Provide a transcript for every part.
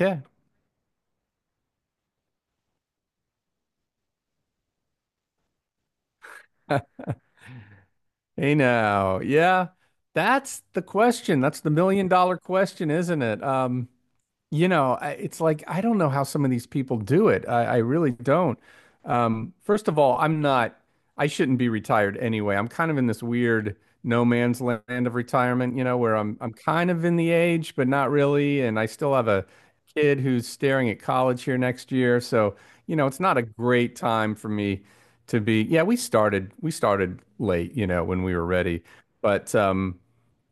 Okay. Hey now. Yeah. That's the question. That's the million dollar question, isn't it? It's like I don't know how some of these people do it. I really don't. First of all, I shouldn't be retired anyway. I'm kind of in this weird no man's land of retirement, you know, where I'm kind of in the age, but not really. And I still have a kid who's staring at college here next year. So, you know, it's not a great time for me to be. Yeah, we started late, you know, when we were ready. But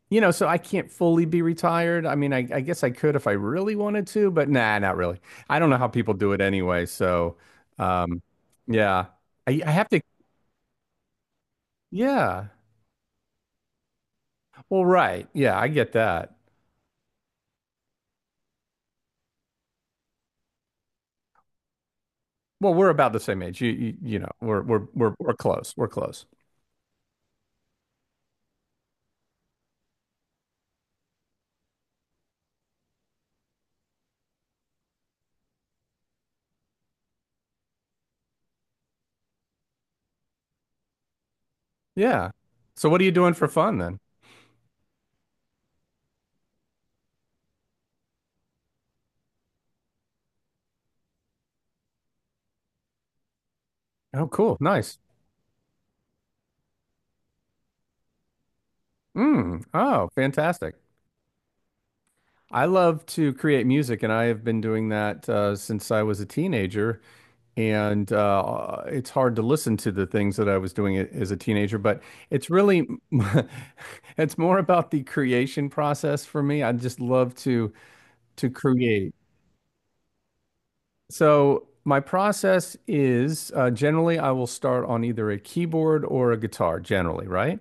you know, so I can't fully be retired. I mean, I guess I could if I really wanted to, but nah, not really. I don't know how people do it anyway. So, um, yeah, I have to. Yeah. Well, right. Yeah, I get that. Well, we're about the same age. You know, we're close. We're close. Yeah. So, what are you doing for fun then? Oh, cool. Nice. Mm. Oh, fantastic. I love to create music, and I have been doing that since I was a teenager. And it's hard to listen to the things that I was doing as a teenager, but it's really it's more about the creation process for me. I just love to create. So my process is, generally I will start on either a keyboard or a guitar, generally, right?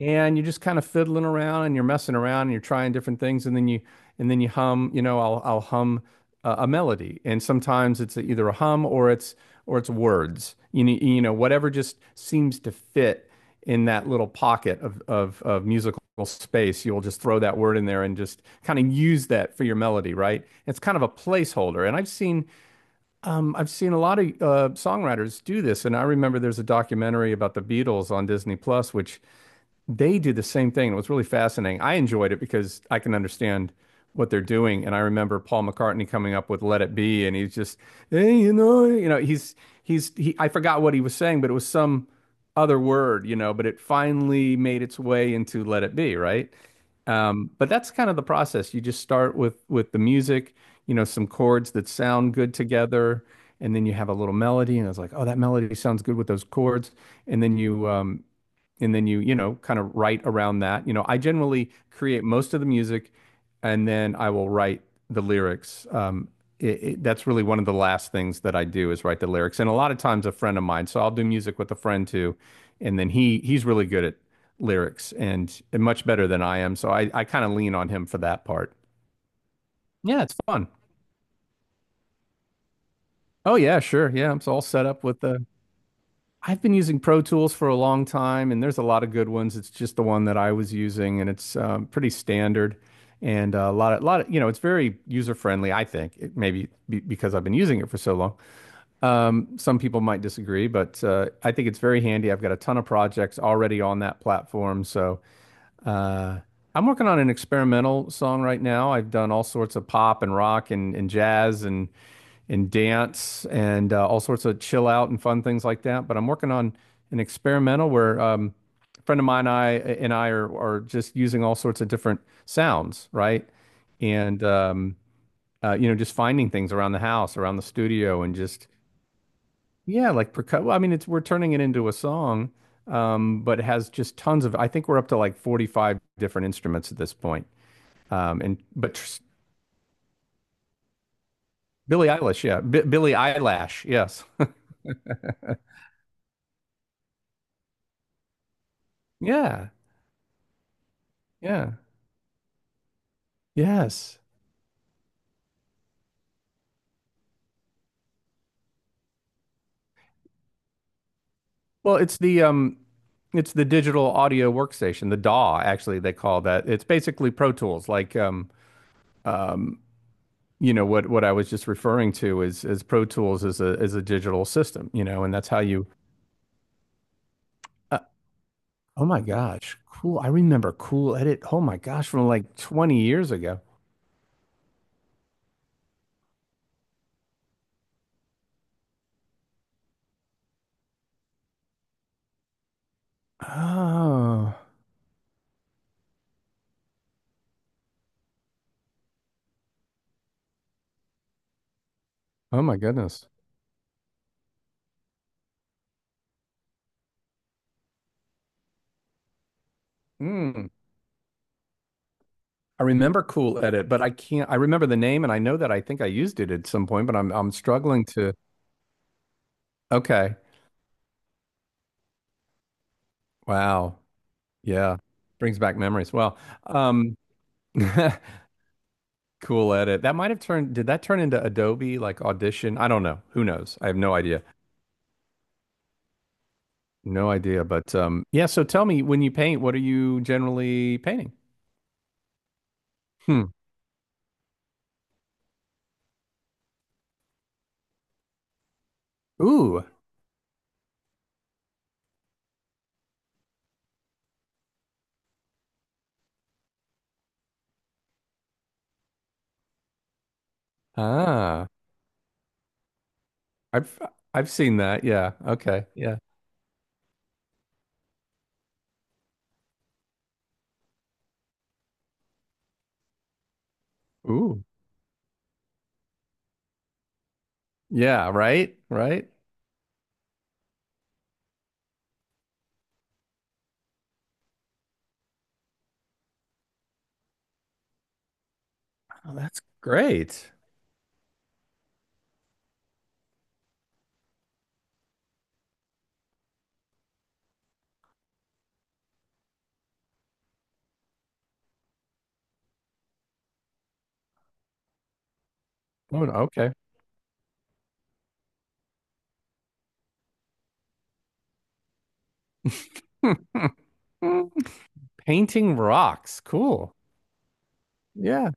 And you're just kind of fiddling around and you're messing around and you're trying different things, and then you hum. You know, I'll hum a melody, and sometimes it's either a hum or it's words, you know. You know, whatever just seems to fit in that little pocket of musical space, you'll just throw that word in there and just kind of use that for your melody, right? It's kind of a placeholder. And I've seen, I've seen a lot of songwriters do this. And I remember there's a documentary about the Beatles on Disney Plus, which they do the same thing. It was really fascinating. I enjoyed it because I can understand what they're doing. And I remember Paul McCartney coming up with "Let It Be," and he's just, hey, you know, he's he. I forgot what he was saying, but it was some other word, you know. But it finally made its way into "Let It Be," right? But that's kind of the process. You just start with the music, you know, some chords that sound good together, and then you have a little melody, and it's like, oh, that melody sounds good with those chords. And then you, you know, kind of write around that. You know, I generally create most of the music, and then I will write the lyrics. That's really one of the last things that I do, is write the lyrics. And a lot of times, a friend of mine, so I'll do music with a friend too, and then he's really good at lyrics, and, much better than I am, so I kind of lean on him for that part. Yeah, it's fun. Oh yeah, sure. Yeah, I'm so all set up with the. I've been using Pro Tools for a long time, and there's a lot of good ones. It's just the one that I was using, and it's, pretty standard. And a lot of, you know, it's very user friendly, I think. It maybe be, because I've been using it for so long. Some people might disagree, but I think it's very handy. I've got a ton of projects already on that platform. So uh, I'm working on an experimental song right now. I've done all sorts of pop and rock and, jazz and dance and all sorts of chill out and fun things like that. But I'm working on an experimental where, a friend of mine and I are just using all sorts of different sounds, right? And you know, just finding things around the house, around the studio, and just yeah, like percu-, well, I mean, it's we're turning it into a song, but it has just tons of. I think we're up to like 45 different instruments at this point. Um, and but tr- Billie Eilish, yeah, B Billie Eyelash, yes. Yeah, yeah, yes. Well, it's the, it's the digital audio workstation, the DAW. Actually, they call that. It's basically Pro Tools, like, um, you know, what I was just referring to is Pro Tools is a digital system, you know, and that's how you. Oh my gosh, cool. I remember Cool Edit. Oh my gosh, from like 20 years ago. Oh, oh my goodness. Hmm. I remember Cool Edit, but I can't. I remember the name, and I know that I think I used it at some point, but I'm struggling to. Okay. Wow. Yeah. Brings back memories. Well, um, Cool Edit. That might have turned. Did that turn into Adobe like Audition? I don't know. Who knows? I have no idea. No idea. But yeah. So tell me, when you paint, what are you generally painting? Hmm. Ooh, ah, I've I've seen that. Yeah. Okay. Yeah. Ooh. Yeah, right? Right? Oh, that's great. Oh, okay. Painting rocks. Cool. Yeah.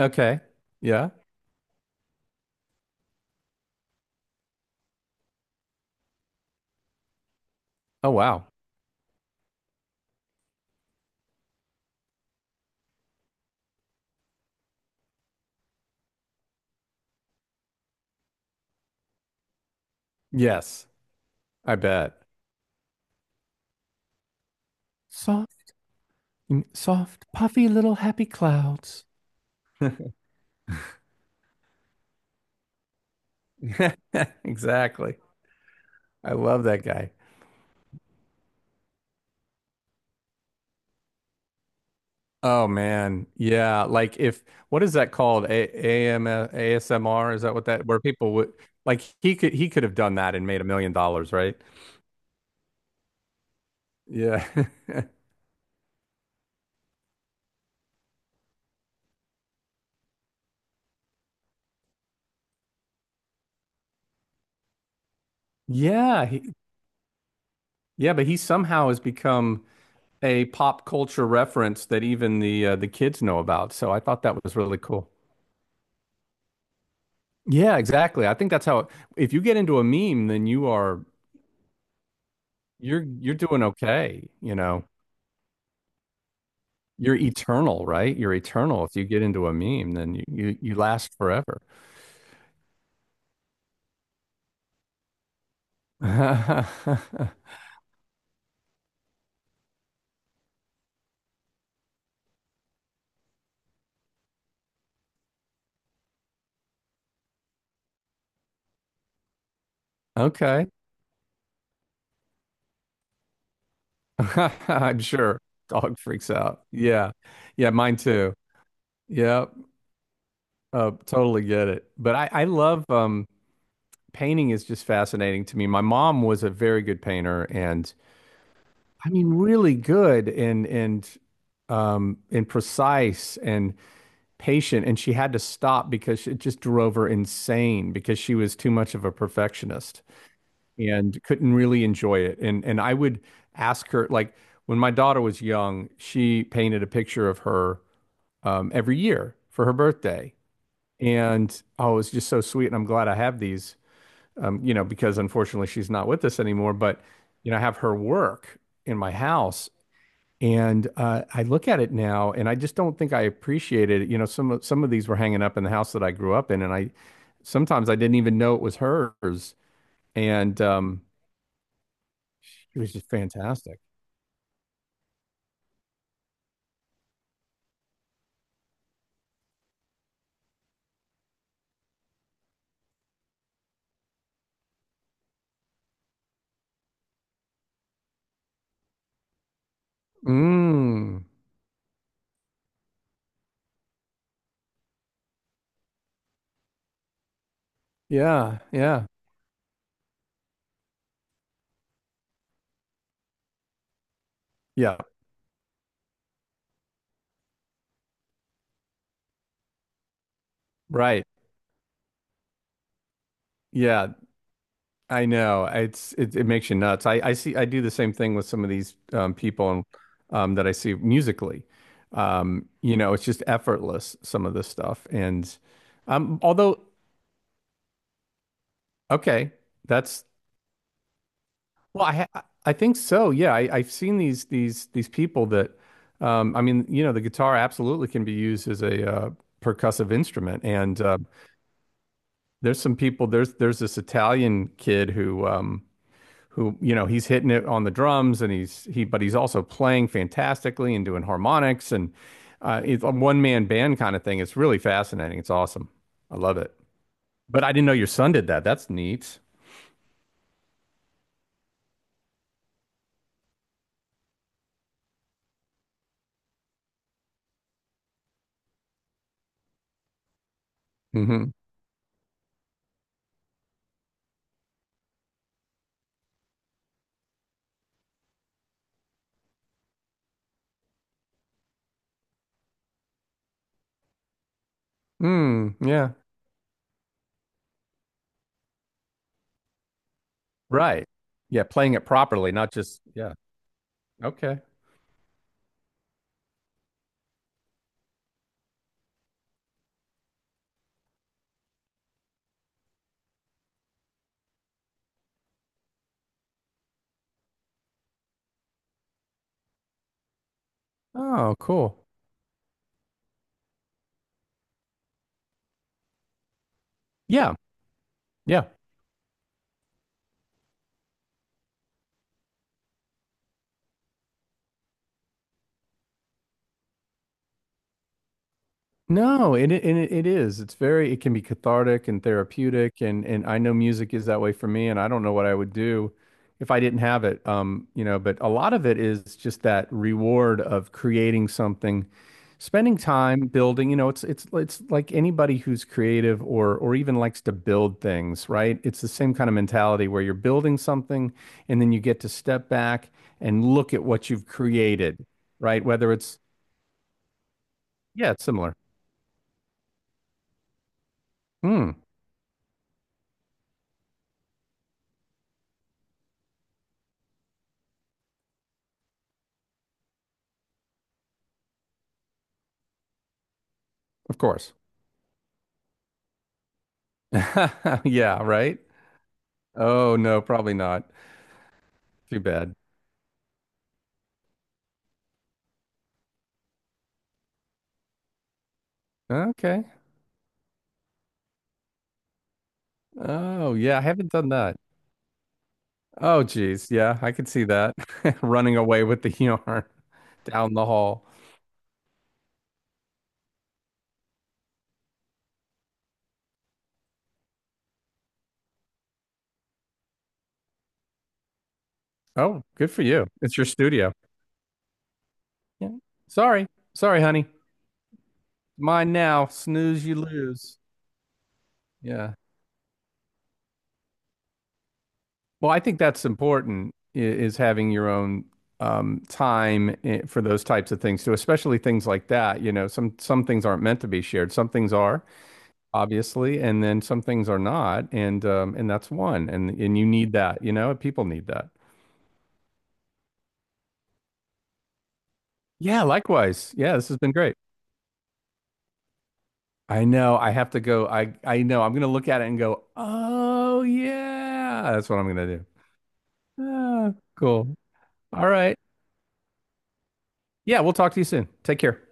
Okay. Yeah. Oh, wow. Yes, I bet. Soft, soft, puffy little happy clouds. Exactly. I love that guy. Oh man, yeah. Like if what is that called? A AM ASMR? Is that what that where people would like he could have done that and made a million dollars, right? Yeah. Yeah, he, yeah, but he somehow has become a pop culture reference that even the kids know about. So I thought that was really cool. Yeah, exactly. I think that's how if you get into a meme, then you are you're doing okay, you know. You're eternal, right? You're eternal. If you get into a meme, then you last forever. Okay. I'm sure. Dog freaks out. Yeah. Yeah, mine too. Yep. Totally get it. But I love painting is just fascinating to me. My mom was a very good painter, and I mean really good, and precise and patient. And she had to stop because it just drove her insane because she was too much of a perfectionist, and couldn't really enjoy it. And I would ask her like when my daughter was young, she painted a picture of her, every year for her birthday, and oh, it's just so sweet. And I'm glad I have these, you know, because unfortunately she's not with us anymore. But you know, I have her work in my house. And I look at it now, and I just don't think I appreciated it. You know, some of these were hanging up in the house that I grew up in, and I sometimes I didn't even know it was hers. And she was just fantastic. Mm. Yeah, yeah. Yeah, right. Yeah, I know. It's it, it makes you nuts. I see I do the same thing with some of these people that I see musically. You know, it's just effortless some of this stuff, and although okay, that's well I think so. Yeah, I I've seen these people that I mean, you know, the guitar absolutely can be used as a percussive instrument. And there's some people. There's this Italian kid who who, you know, he's hitting it on the drums, and he but he's also playing fantastically and doing harmonics and, it's a one man band kind of thing. It's really fascinating. It's awesome. I love it. But I didn't know your son did that. That's neat. Hmm. Mm, yeah. Right. Yeah. Playing it properly, not just yeah. Okay. Oh, cool. Yeah. Yeah. No, and it, it is. It's very, it can be cathartic and therapeutic. And I know music is that way for me, and I don't know what I would do if I didn't have it. You know, but a lot of it is just that reward of creating something, spending time building, you know. It's it's like anybody who's creative or even likes to build things, right? It's the same kind of mentality where you're building something, and then you get to step back and look at what you've created, right? Whether it's yeah, it's similar. Mm, of course. Yeah, right? Oh, no, probably not. Too bad. Okay. Oh, yeah, I haven't done that. Oh, geez. Yeah, I could see that. Running away with the yarn down the hall. Oh, good for you. It's your studio. Yeah. Sorry. Sorry, honey. Mine now. Snooze, you lose. Yeah. Well, I think that's important, is having your own, time for those types of things too, especially things like that. You know, some things aren't meant to be shared. Some things are, obviously, and then some things are not, and, and that's one, and you need that, you know, people need that. Yeah, likewise. Yeah, this has been great. I know. I have to go. I know. I'm gonna look at it and go, oh yeah, that's what I'm gonna do. Ah, cool. All right. Yeah, we'll talk to you soon. Take care.